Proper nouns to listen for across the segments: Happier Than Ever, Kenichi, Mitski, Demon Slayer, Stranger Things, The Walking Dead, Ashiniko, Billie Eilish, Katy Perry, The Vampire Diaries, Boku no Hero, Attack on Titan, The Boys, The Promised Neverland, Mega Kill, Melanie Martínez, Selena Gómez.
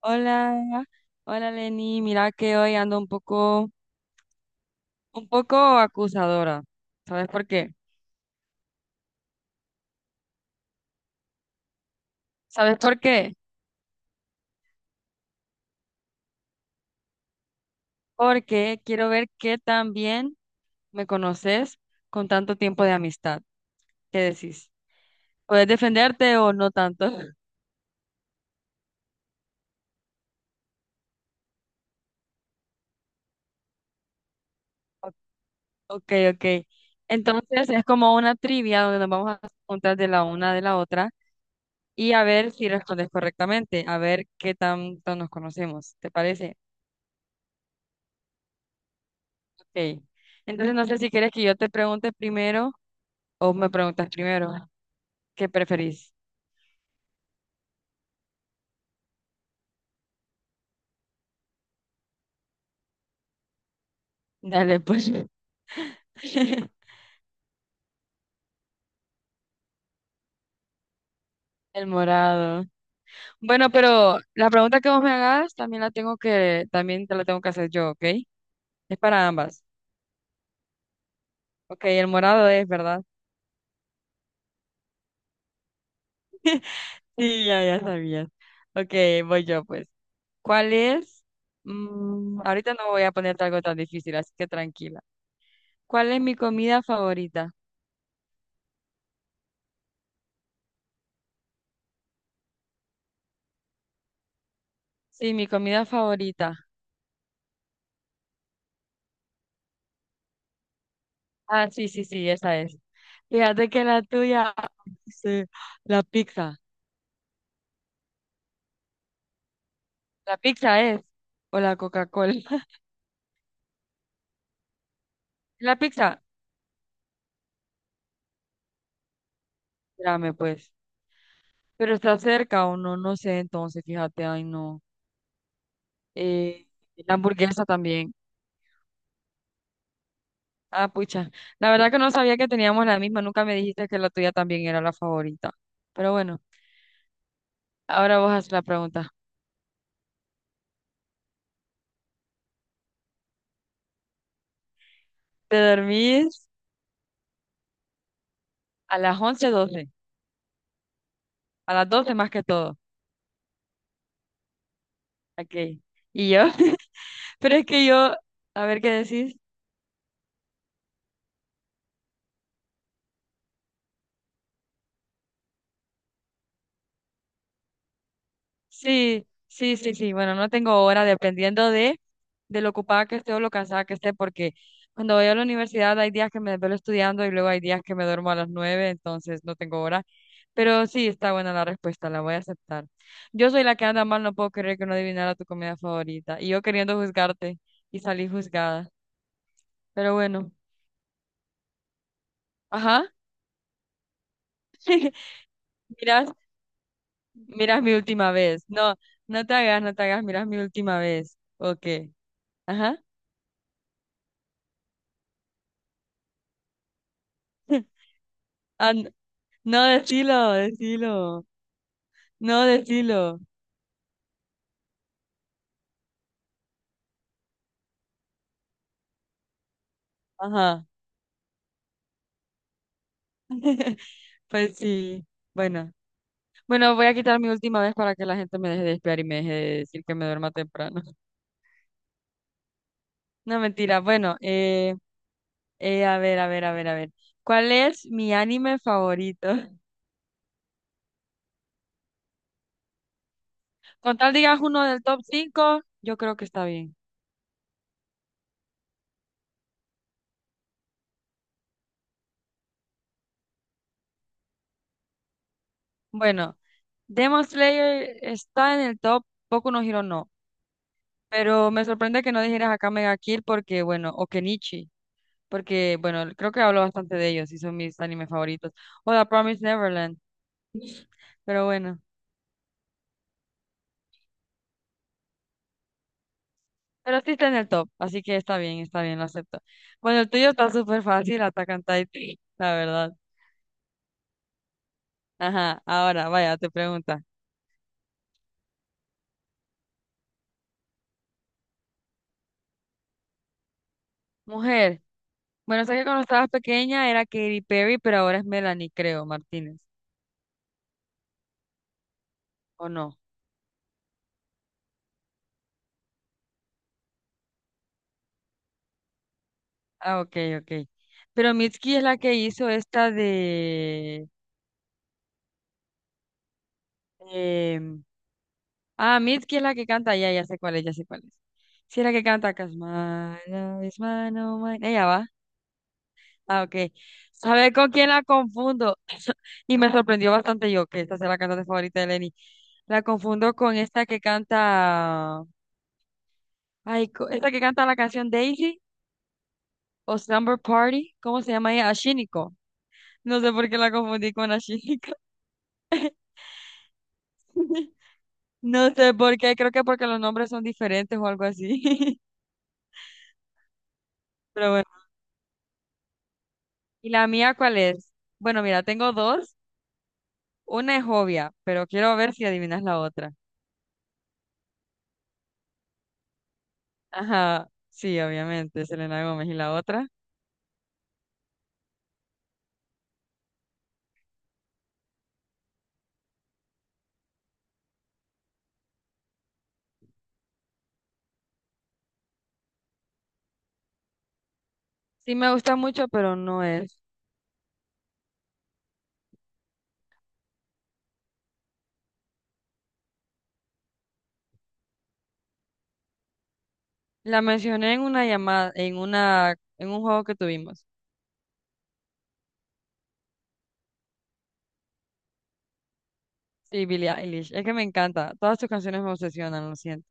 Hola, hola Lenny, mira que hoy ando un poco acusadora. ¿Sabes por qué? ¿Sabes por qué? Porque quiero ver qué tan bien me conoces con tanto tiempo de amistad. ¿Qué decís? ¿Puedes defenderte o no tanto? Ok, ok. Entonces es como una trivia donde nos vamos a preguntar de la una de la otra y a ver si respondes correctamente, a ver qué tanto nos conocemos. ¿Te parece? Ok. Entonces no sé si quieres que yo te pregunte primero o me preguntas primero. ¿Qué preferís? Dale, pues. El morado. Bueno, pero la pregunta que vos me hagas también te la tengo que hacer yo, ¿ok? Es para ambas. Ok, el morado es, ¿verdad? Sí, ya sabías. Ok, voy yo, pues. ¿Cuál es? Mm, ahorita no voy a ponerte algo tan difícil, así que tranquila. ¿Cuál es mi comida favorita? Sí, mi comida favorita. Ah, sí, sí, sí, esa es. Fíjate que la tuya, sí, la pizza. La pizza es, o la Coca-Cola. La pizza, espérame pues. Pero está cerca o no, no sé, entonces, fíjate, ay no. Eh, la hamburguesa también. Ah, pucha. La verdad que no sabía que teníamos la misma, nunca me dijiste que la tuya también era la favorita. Pero bueno, ahora vos haces la pregunta. ¿Te dormís a las 11, 12? A las 12 más que todo. Ok. ¿Y yo? Pero es que yo, a ver qué decís. Sí, sí, sí, sí. Bueno, no tengo hora de lo ocupada que esté o lo cansada que esté, porque cuando voy a la universidad hay días que me desvelo estudiando y luego hay días que me duermo a las 9, entonces no tengo hora. Pero sí, está buena la respuesta, la voy a aceptar. Yo soy la que anda mal, no puedo creer que no adivinara tu comida favorita. Y yo queriendo juzgarte y salí juzgada. Pero bueno, ajá. Mira, Miras mi última vez. No, no te hagas, no te hagas, miras mi última vez. Ok. Ajá. Ah, n- no, decilo, decilo. No, decilo. Ajá. Pues sí. Bueno. Bueno, voy a quitar mi última vez para que la gente me deje de espiar y me deje de decir que me duerma temprano. No, mentira. Bueno, a ver, a ver, a ver, a ver. ¿Cuál es mi anime favorito? Con tal digas uno del top 5, yo creo que está bien. Bueno. Demon Slayer está en el top, Boku no Hero no. Pero me sorprende que no dijeras acá Mega Kill porque, bueno, o Kenichi, porque, bueno, creo que hablo bastante de ellos y son mis animes favoritos. O The Promised Neverland, pero bueno. Pero sí está en el top, así que está bien, lo acepto. Bueno, el tuyo está súper fácil, Attack on Titan, la verdad. Ajá, ahora, vaya, te pregunta. Mujer, bueno, sé que cuando estabas pequeña era Katy Perry, pero ahora es Melanie, creo, Martínez, ¿o no? Ah, ok, ok. Pero Mitski es la que hizo esta de... em, Mitski es la que canta, ya sé cuál es, ya sé cuál es. Sí, es la que canta, Cause my love is mine, oh mine. Ella va. Ah, ok. ¿Sabes con quién la confundo? Y me sorprendió bastante yo, que esta sea la cantante favorita de Lenny. La confundo con esta que canta... Ay, esta que canta la canción Daisy o Slumber Party. ¿Cómo se llama ella? Ashiniko. No sé por qué la confundí con Ashiniko. No sé por qué, creo que porque los nombres son diferentes o algo así. Pero bueno. ¿Y la mía cuál es? Bueno, mira, tengo dos. Una es obvia, pero quiero ver si adivinas la otra. Ajá, sí, obviamente, Selena Gómez. ¿Y la otra? Sí me gusta mucho, pero no es. La mencioné en una llamada, en un juego que tuvimos. Sí, Billie Eilish. Es que me encanta. Todas sus canciones me obsesionan, lo siento.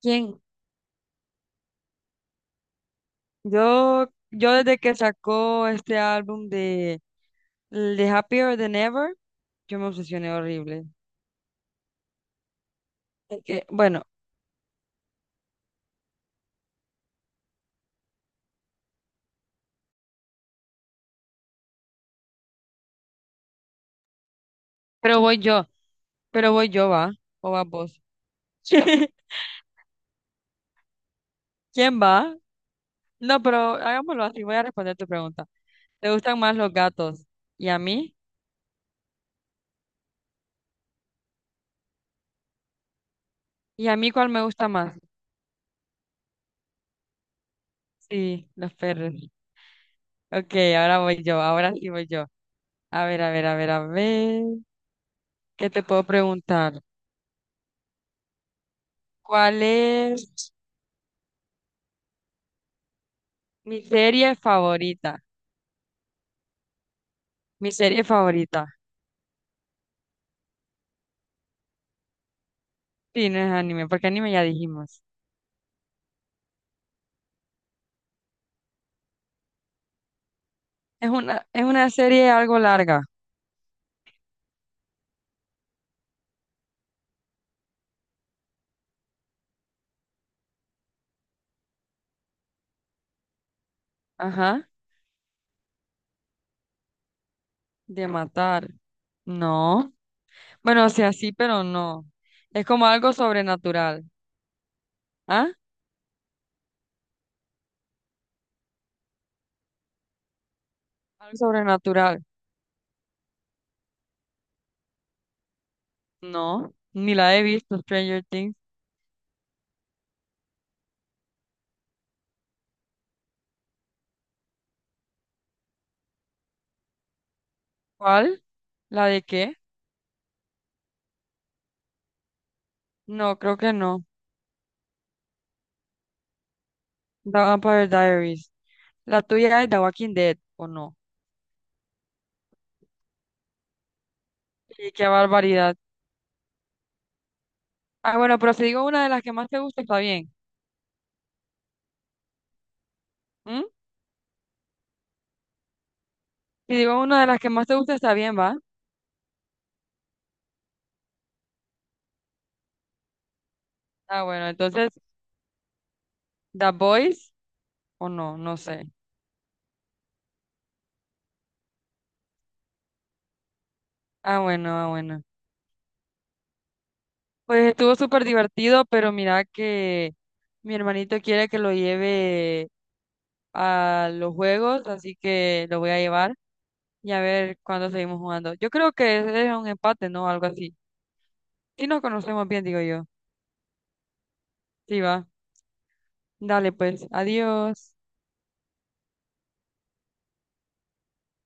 ¿Quién? Yo desde que sacó este álbum de Happier Than Ever. Yo me obsesioné horrible. Es que bueno, pero voy yo, pero voy yo, va, o vas vos. ¿Quién va? No, pero hagámoslo así, voy a responder tu pregunta. ¿Te gustan más los gatos? ¿Y a mí? ¿Y a mí cuál me gusta más? Sí, los perros. Ok, ahora sí voy yo. A ver, a ver, a ver, a ver. ¿Qué te puedo preguntar? ¿Cuál es mi serie favorita? Mi serie favorita. Sí, no es anime, porque anime ya dijimos. Es una serie algo larga. Ajá. De matar. No. Bueno, o sea, sí, pero no. Es como algo sobrenatural. ¿Ah? Algo sobrenatural. No. Ni la he visto, Stranger Things. ¿Cuál? ¿La de qué? No, creo que no. The Vampire Diaries. La tuya es The Walking Dead, ¿o no? Y qué barbaridad. Ah, bueno, pero si digo una de las que más te gusta, está bien. ¿Mm? Si digo una de las que más te gusta, está bien, ¿va? Ah, bueno, entonces, The Boys, ¿o no? No sé. Ah, bueno, ah, bueno. Pues estuvo súper divertido, pero mira que mi hermanito quiere que lo lleve a los juegos, así que lo voy a llevar y a ver cuándo seguimos jugando. Yo creo que es un empate, ¿no? Algo así. Si nos conocemos bien, digo yo. Sí, va. Dale, pues. Adiós.